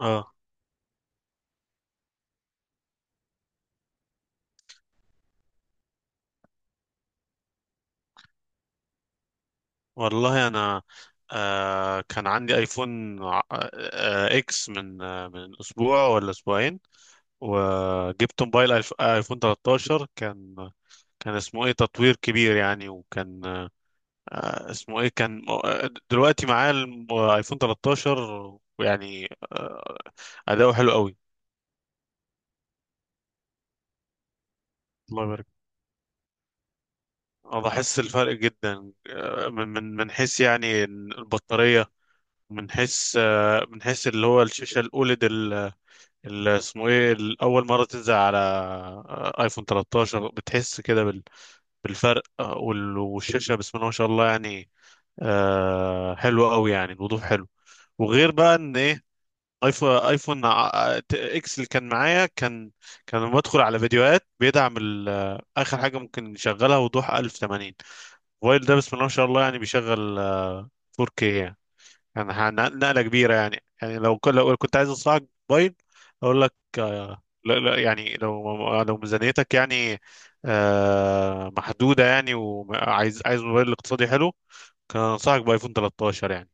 اه، والله انا كان عندي ايفون اكس من من اسبوع ولا اسبوعين. وجبت موبايل ايفون 13. كان اسمه ايه تطوير كبير يعني. وكان اسمه ايه، كان دلوقتي معاه ايفون 13، ويعني اداؤه حلو قوي. الله يبارك. اه، بحس الفرق جدا، من حيث يعني البطارية، من حيث اللي هو الشاشة الأوليد. اسمه ايه، اول مره تنزل على ايفون 13 بتحس كده بالفرق. والشاشه بسم الله ما شاء الله يعني، حلوه قوي يعني، الوضوح حلو. وغير بقى ان ايه، اكس اللي كان معايا، كان لما بدخل على فيديوهات بيدعم اخر حاجه ممكن يشغلها وضوح 1080. الموبايل ده بسم الله ما شاء الله يعني بيشغل 4K يعني. كان نقلة كبيرة يعني. يعني لو كنت عايز أصنع موبايل، أقول لك لا لا، يعني لو ميزانيتك يعني محدودة، يعني وعايز موبايل اقتصادي حلو، كان أنصحك بآيفون 13 يعني.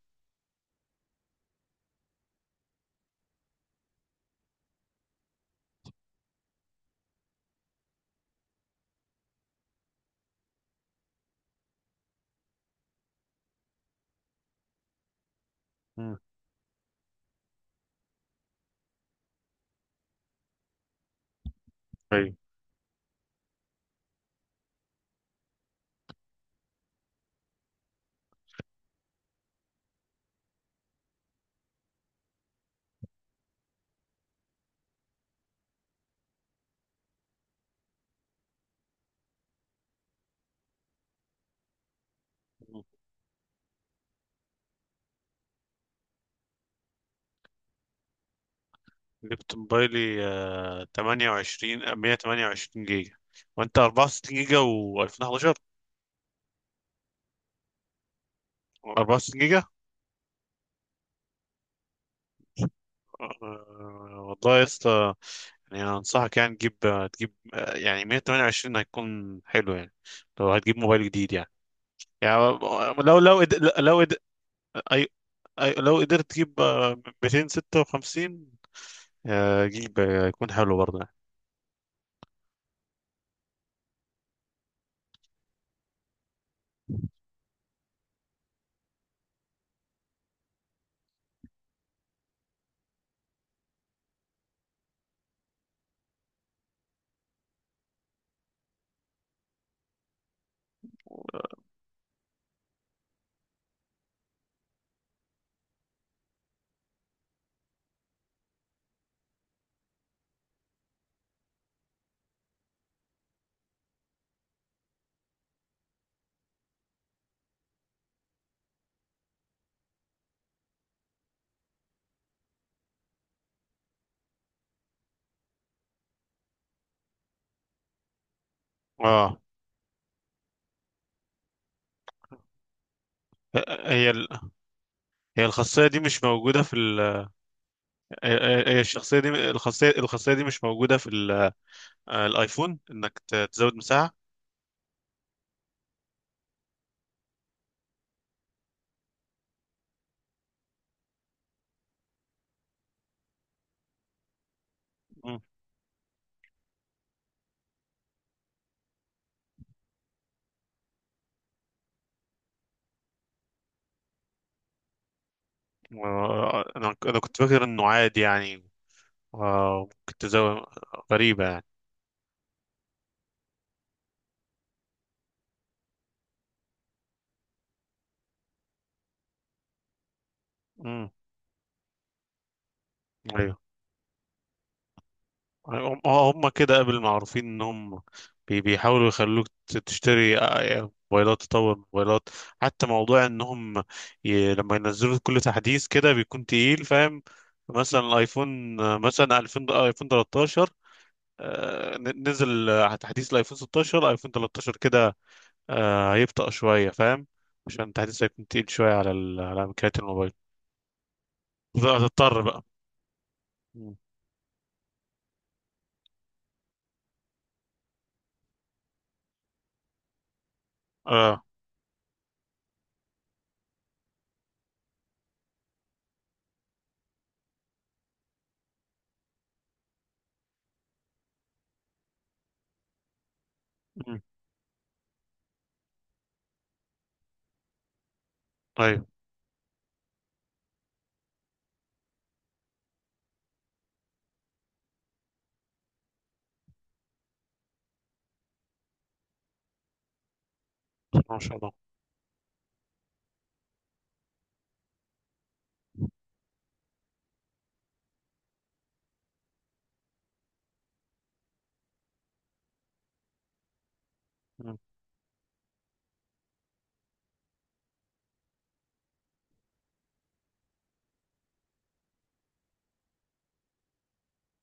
مم. طيب. جبت موبايلي 28 128 جيجا. وأنت 64 جيجا و2011؟ 64 جيجا والله يا اسطى. يعني أنا انصحك يعني تجيب، يعني 128 هيكون حلو يعني، لو هتجيب موبايل جديد يعني. يعني لو لو قد- لو قد- أي أي لو قدرت تجيب 256، جيب يكون حلو برضه يعني. اه. هي ال- هي الخاصية دي مش موجودة في ال... هي، هي الشخصية دي الخاصية دي مش موجودة في الايفون، انك تزود مساحة؟ مم. انا كنت فاكر انه عادي يعني، ممكن تزود. غريبة يعني. امم ايوه. هم كده قبل معروفين ان هم بيحاولوا يخلوك تشتري موبايلات، تطور موبايلات. حتى موضوع انهم لما ينزلوا كل تحديث كده بيكون تقيل فاهم. مثلا الايفون مثلا 2000 ايفون 13، نزل تحديث الايفون 16، ايفون 13 كده هيبطأ شوية فاهم، عشان التحديث هيكون تقيل شوية على على امكانيات الموبايل. هتضطر بقى. مم. مم. ايوه. ما شاء الله. مم.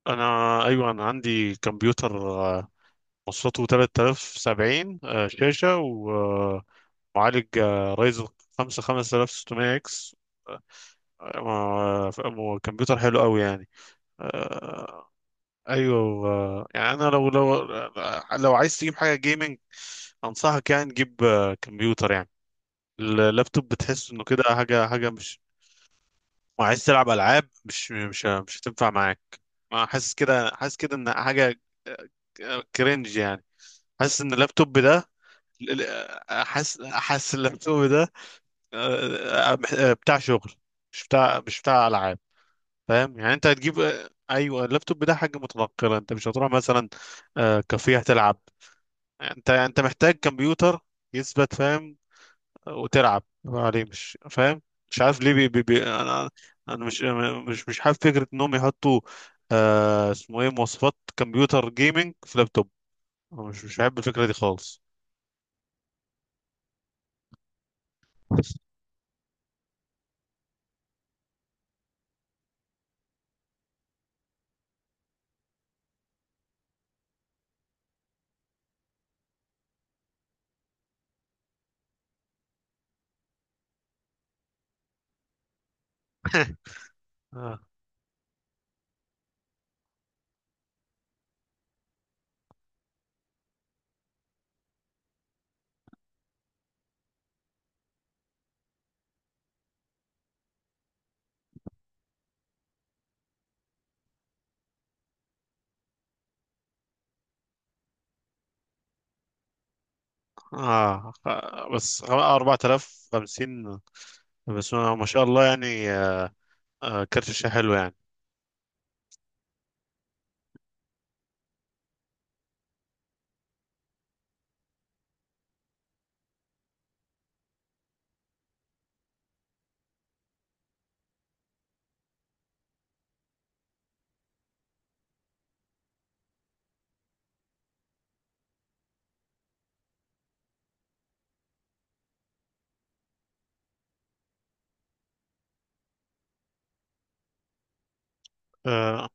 انا ايوه، انا عندي كمبيوتر مواصفاته 3070 شاشه، ومعالج رايزر 5 5600 اكس. كمبيوتر حلو قوي يعني. آه، ايوه. يعني انا لو عايز تجيب حاجه جيمنج، انصحك يعني تجيب كمبيوتر يعني. اللابتوب بتحس انه كده حاجه، مش، وعايز تلعب العاب، مش هتنفع معاك. ما حاسس كده، ان حاجه كرنج يعني. حاسس ان اللابتوب ده، حاسس اللابتوب ده آه، آه، بتاع شغل، مش بتاع العاب فاهم. يعني انت هتجيب ايوه، اللابتوب ده حاجه متنقله، انت مش هتروح مثلا كافيه تلعب. انت محتاج كمبيوتر يثبت فاهم، وتلعب عليه، مش فاهم مش عارف ليه. بي بي بي انا، انا مش حابب فكره انهم يحطوا اسمه ايه مواصفات كمبيوتر جيمنج في لابتوب. أنا مش بحب الفكره دي خالص. آه, بس 4050، بس ما شاء الله يعني. كارت الشاشة حلو يعني. آه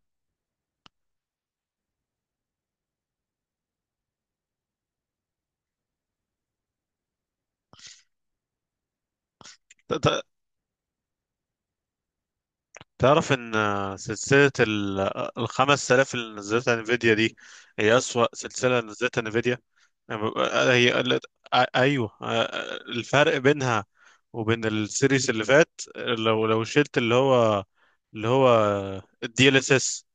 تعرف ان سلسلة ال 5000 اللي نزلتها انفيديا دي هي أسوأ سلسلة نزلتها انفيديا. آه، هي قالت- ايوه، الفرق بينها وبين السيريس اللي فات، لو شلت اللي هو، اللي هو DLSS،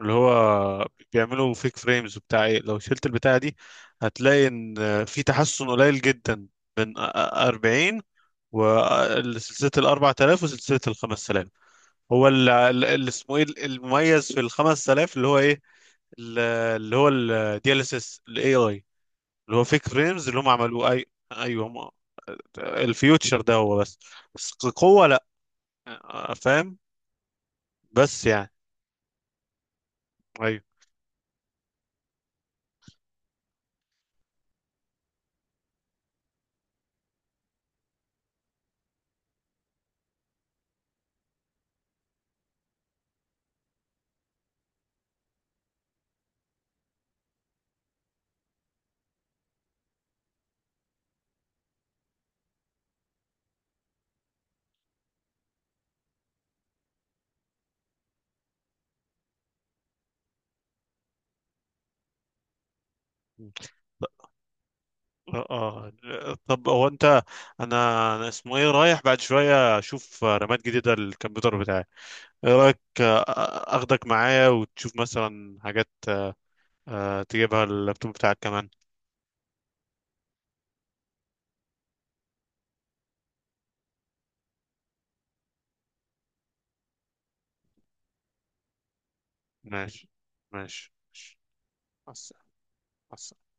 اللي هو بيعملوا فيك فريمز وبتاع ايه، لو شلت البتاعة دي هتلاقي ان في تحسن قليل جدا من 40 وسلسلة ال 4000 وسلسلة ال 5000. هو اللي اسمه ايه المميز في ال 5000 اللي هو ايه؟ ال- اللي هو DLSS AI، اللي هو فيك فريمز اللي هم عملوه ايوه هم، الفيوتشر ده هو بس، بس قوة لا فاهم، بس يعني. ايوه. اه. آه. طب هو انت، انا اسمه ايه رايح بعد شوية اشوف رامات جديدة للكمبيوتر بتاعي، ايه رأيك اخدك معايا وتشوف مثلا حاجات تجيبها اللابتوب بتاعك كمان؟ ماشي، ماشي. مع الس- مع السلامة.